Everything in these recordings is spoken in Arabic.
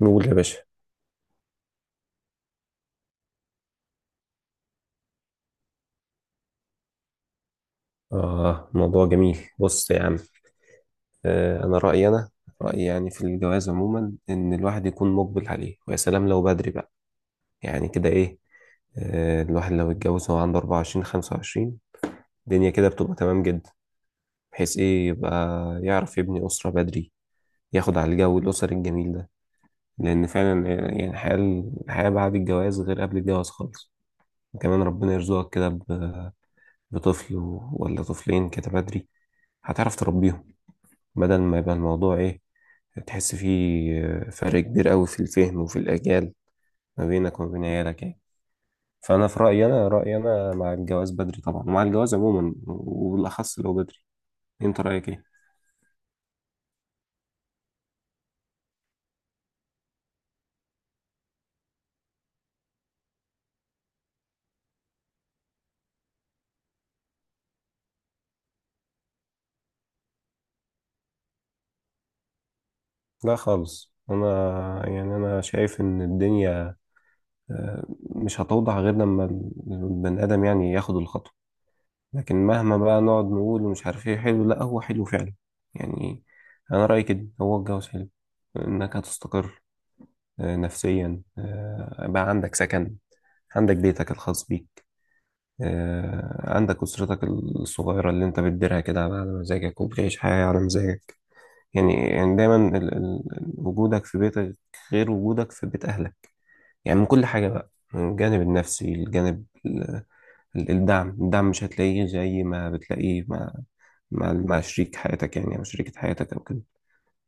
نقول يا باشا. آه موضوع جميل، بص يا عم. آه أنا رأيي، أنا رأيي يعني في الجواز عموما إن الواحد يكون مقبل عليه، ويا سلام لو بدري بقى. يعني كده إيه، آه الواحد لو اتجوز وهو عنده 24 25 الدنيا كده بتبقى تمام جدا، بحيث إيه يبقى يعرف يبني أسرة بدري، ياخد على الجو الأسري الجميل ده. لأن فعلا يعني الحياة، الحياة بعد الجواز غير قبل الجواز خالص. وكمان ربنا يرزقك كده بطفل ولا طفلين كده بدري، هتعرف تربيهم. بدل ما يبقى الموضوع ايه، تحس فيه فرق كبير قوي في الفهم وفي الأجيال، ما بينك وما بين عيالك يعني. فأنا في رأيي، أنا رأيي أنا مع الجواز بدري طبعا، ومع الجواز عموما وبالأخص لو بدري. أنت رأيك ايه؟ لا خالص. أنا يعني أنا شايف إن الدنيا آه، مش هتوضح غير لما البني آدم يعني ياخد الخطوة. لكن مهما بقى نقعد نقول ومش عارف ايه حلو، لا هو حلو فعلا يعني. أنا رأيي كده هو الجواز حلو، إنك هتستقر نفسيا، بقى عندك سكن، عندك بيتك الخاص بيك، عندك أسرتك الصغيرة اللي أنت بتديرها كده على مزاجك، وبتعيش حياة على مزاجك. يعني يعني دايما وجودك في بيتك غير وجودك في بيت أهلك. يعني من كل حاجة بقى، من الجانب النفسي، الجانب الدعم مش هتلاقيه زي ما بتلاقيه مع مع شريك حياتك يعني، أو شريكة حياتك أو كده.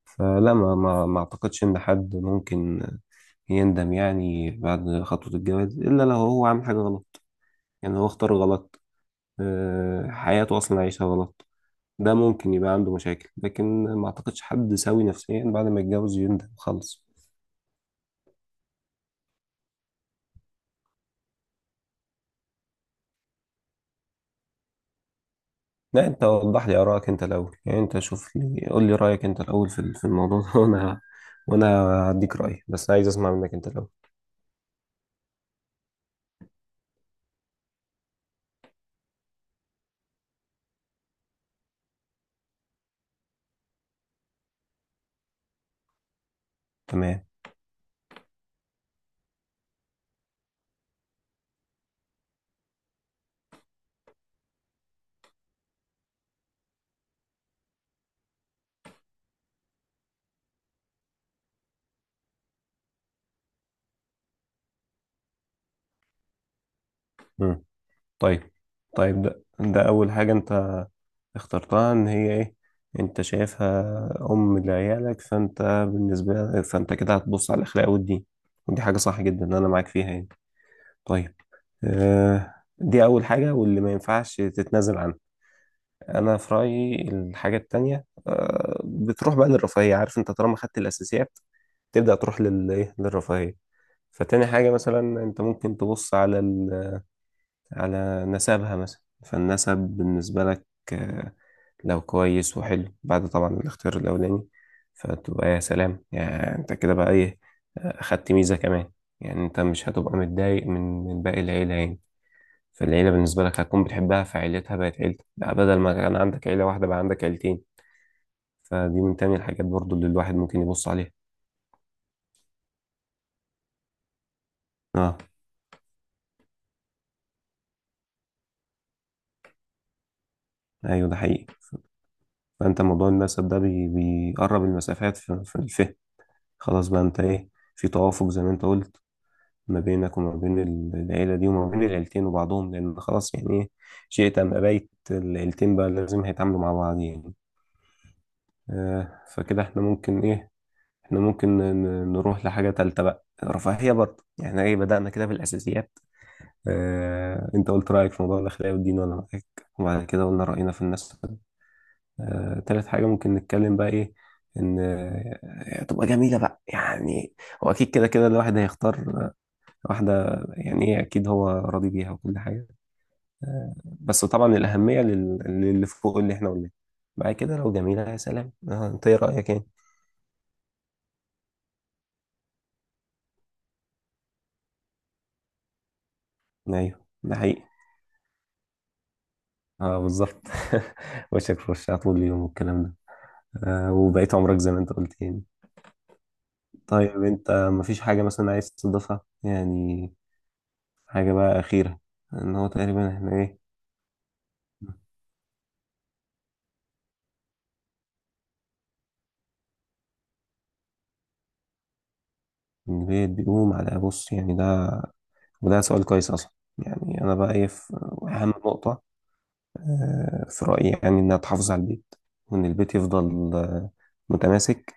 فلا ما أعتقدش إن حد ممكن يندم يعني بعد خطوة الجواز، إلا لو هو عامل حاجة غلط، يعني هو اختار غلط، حياته أصلا عايشها غلط. ده ممكن يبقى عنده مشاكل، لكن ما أعتقدش حد سوي نفسيا بعد ما يتجوز يندم خالص. لا، أنت وضح لي آرائك أنت الأول يعني، أنت شوف لي، قول لي رأيك أنت الأول في في الموضوع ده وأنا هديك رأيي، بس عايز أسمع منك أنت الأول. تمام. مم. طيب، طيب ده أول حاجة أنت اخترتها، ان هي ايه، انت شايفها ام لعيالك، فانت بالنسبه لك فانت كده هتبص على الاخلاق والدين. ودي حاجه صح جدا، انا معاك فيها يعني. طيب. آه دي اول حاجه واللي ما ينفعش تتنازل عنها. انا في رايي الحاجه التانية آه بتروح بقى للرفاهيه. عارف انت طالما خدت الاساسيات تبدا تروح لل ايه للرفاهيه. فتاني حاجه مثلا انت ممكن تبص على على نسبها مثلا. فالنسب بالنسبه لك آه، لو كويس وحلو بعد طبعا الاختيار الأولاني، فتبقى يا سلام يعني. أنت كده بقى إيه، أخدت ميزة كمان. يعني أنت مش هتبقى متضايق من من باقي العيلة يعني. فالعيلة بالنسبة لك هتكون بتحبها، فعيلتها بقت عيلتك بقى، بدل ما كان عندك عيلة واحدة بقى عندك عيلتين. فدي من تاني الحاجات برضو اللي الواحد ممكن يبص عليها. اه أيوه ده حقيقي. فأنت موضوع النسب ده بيقرب المسافات في في الفهم. خلاص بقى أنت إيه، في توافق زي ما أنت قلت ما بينك وما بين العيلة دي، وما بين العيلتين وبعضهم. لأن خلاص يعني إيه، شئت أم أبيت العيلتين بقى لازم هيتعاملوا مع بعض يعني. آه فكده إحنا ممكن إيه، إحنا ممكن نروح لحاجة تالتة بقى، رفاهية برضه يعني إيه، بدأنا كده بالأساسيات. آه أنت قلت رأيك في موضوع الأخلاق والدين وأنا معاك، وبعد كده قلنا رأينا في الناس. آه تالت حاجة ممكن نتكلم بقى إيه، إن تبقى جميلة بقى يعني. هو أكيد كده كده الواحد هيختار واحدة يعني إيه أكيد هو راضي بيها وكل حاجة آه، بس طبعا الأهمية للي فوق اللي إحنا قلناه. بعد كده لو جميلة يا سلام أنت إيه رأيك يعني؟ أيوه ده حقيقي. أه بالظبط وشك في وشها طول اليوم والكلام ده. وبقيت عمرك زي ما أنت قلت يعني. طيب أنت مفيش حاجة مثلا عايز تضيفها يعني، حاجة بقى أخيرة، إن هو تقريبا إحنا إيه، البيت بيقوم على. بص يعني ده وده سؤال كويس أصلا. يعني أنا بقى إيه في أهم نقطة في رأيي يعني إنها تحافظ على البيت، وإن البيت يفضل متماسك.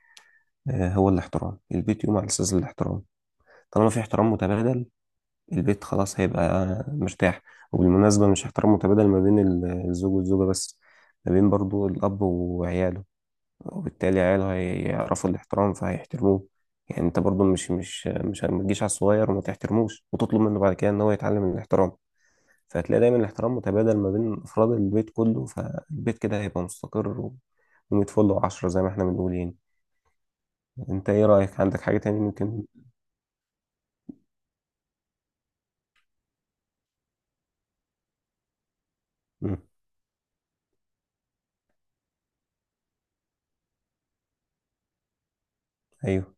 هو الاحترام، البيت يقوم على أساس الاحترام. طالما في احترام متبادل، البيت خلاص هيبقى مرتاح. وبالمناسبة مش احترام متبادل ما بين الزوج والزوجة بس، ما بين برضو الأب وعياله. وبالتالي عياله هيعرفوا الاحترام فهيحترموه. يعني انت برضو مش ما تجيش على الصغير وما تحترموش وتطلب منه بعد كده ان هو يتعلم الاحترام. فهتلاقي دايما الاحترام متبادل ما بين أفراد البيت كله، فالبيت كده هيبقى مستقر و... ومية فل وعشرة زي ما احنا بنقول يعني. انت ايه رأيك، عندك حاجة تاني ممكن؟ مم. ايوه.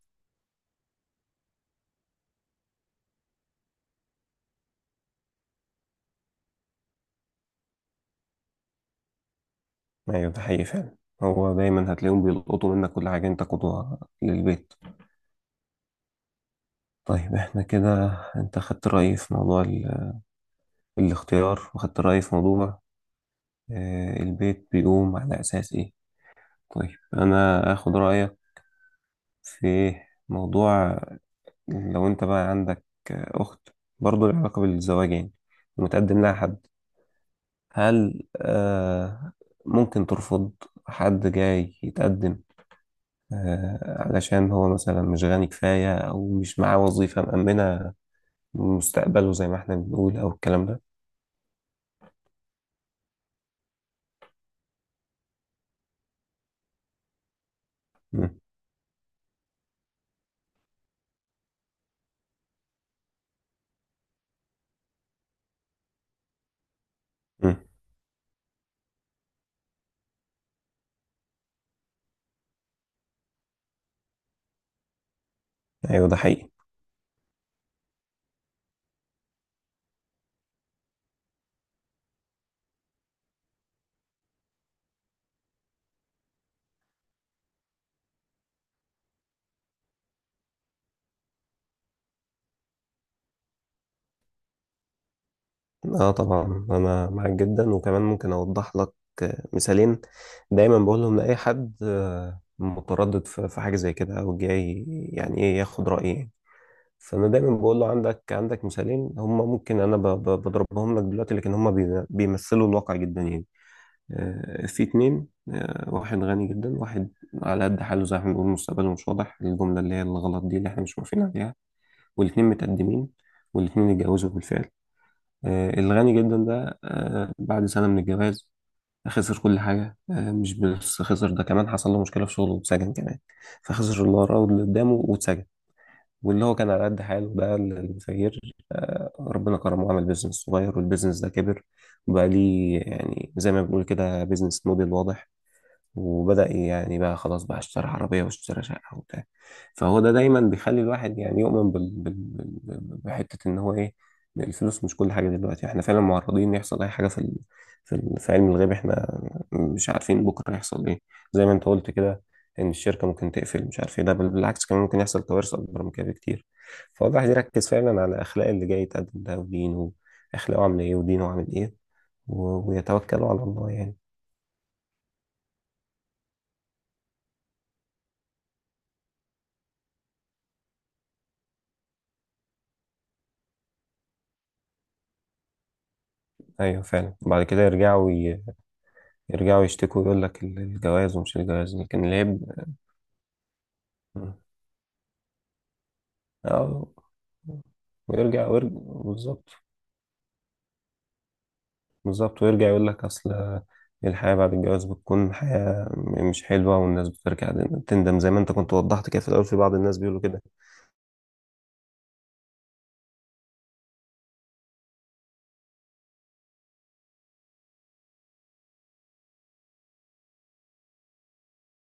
ايوه ده حقيقي فعلا. هو دايما هتلاقيهم بيلقطوا منك كل حاجة، انت قدوة للبيت. طيب احنا كده، انت خدت رأيي في موضوع الاختيار، وخدت رأيي في موضوع البيت بيقوم على أساس ايه. طيب انا اخد رأيك في موضوع، لو انت بقى عندك اخت، برضو لها علاقة بالزواج يعني، ومتقدم لها حد، هل آه ممكن ترفض حد جاي يتقدم، آه علشان هو مثلا مش غني كفاية او مش معاه وظيفة مأمنة مستقبله زي ما احنا بنقول، او الكلام ده. مم. مم. ايوه ده حقيقي. اه طبعا انا معاك جدا. وكمان ممكن اوضح لك مثالين دايما بقولهم لأي حد متردد في في حاجة زي كده، او جاي يعني ايه ياخد رأيي. فانا دايما بقول له عندك، عندك مثالين هم، ممكن انا بضربهم لك دلوقتي، لكن هم بيمثلوا الواقع جدا يعني. في اتنين واحد غني جدا، واحد على قد حاله زي ما بنقول مستقبله مش واضح، الجملة اللي هي الغلط دي اللي احنا مش موافقين عليها. والاتنين متقدمين، والاتنين اتجوزوا بالفعل. الغني جدا ده بعد سنة من الجواز خسر كل حاجة. مش بس خسر ده، كمان حصل له مشكلة في شغله واتسجن كمان. فخسر اللي وراه واللي قدامه واتسجن. واللي هو كان على قد حاله ده، الفقير ربنا كرمه وعمل بيزنس صغير، والبيزنس ده كبر وبقى ليه يعني زي ما بنقول كده بيزنس موديل واضح. وبدأ يعني بقى خلاص بقى اشترى عربية واشترى شقة وبتاع. فهو ده دايما بيخلي الواحد يعني يؤمن بحتة ان هو ايه، إن الفلوس مش كل حاجة. دلوقتي احنا فعلا معرضين إن يحصل اي حاجة في في علم الغيب، احنا مش عارفين بكرة هيحصل ايه، زي ما انت قلت كده، ان الشركة ممكن تقفل مش عارف ايه ده، بل بالعكس كمان ممكن يحصل كوارث اكبر من كده بكتير. فالواحد يركز فعلا على اخلاق اللي جاي يتقدم ده ودينه، اخلاقه عامل ايه ودينه عامل ايه، و... ويتوكلوا على الله يعني. ايوه فعلا بعد كده يرجعوا يشتكوا يقول لك الجواز ومش الجواز، لكن العيب. اه ويرجع. بالظبط بالظبط ويرجع يقول لك اصل الحياة بعد الجواز بتكون حياة مش حلوة، والناس بترجع تندم زي ما انت كنت وضحت كده في الأول في بعض الناس بيقولوا كده.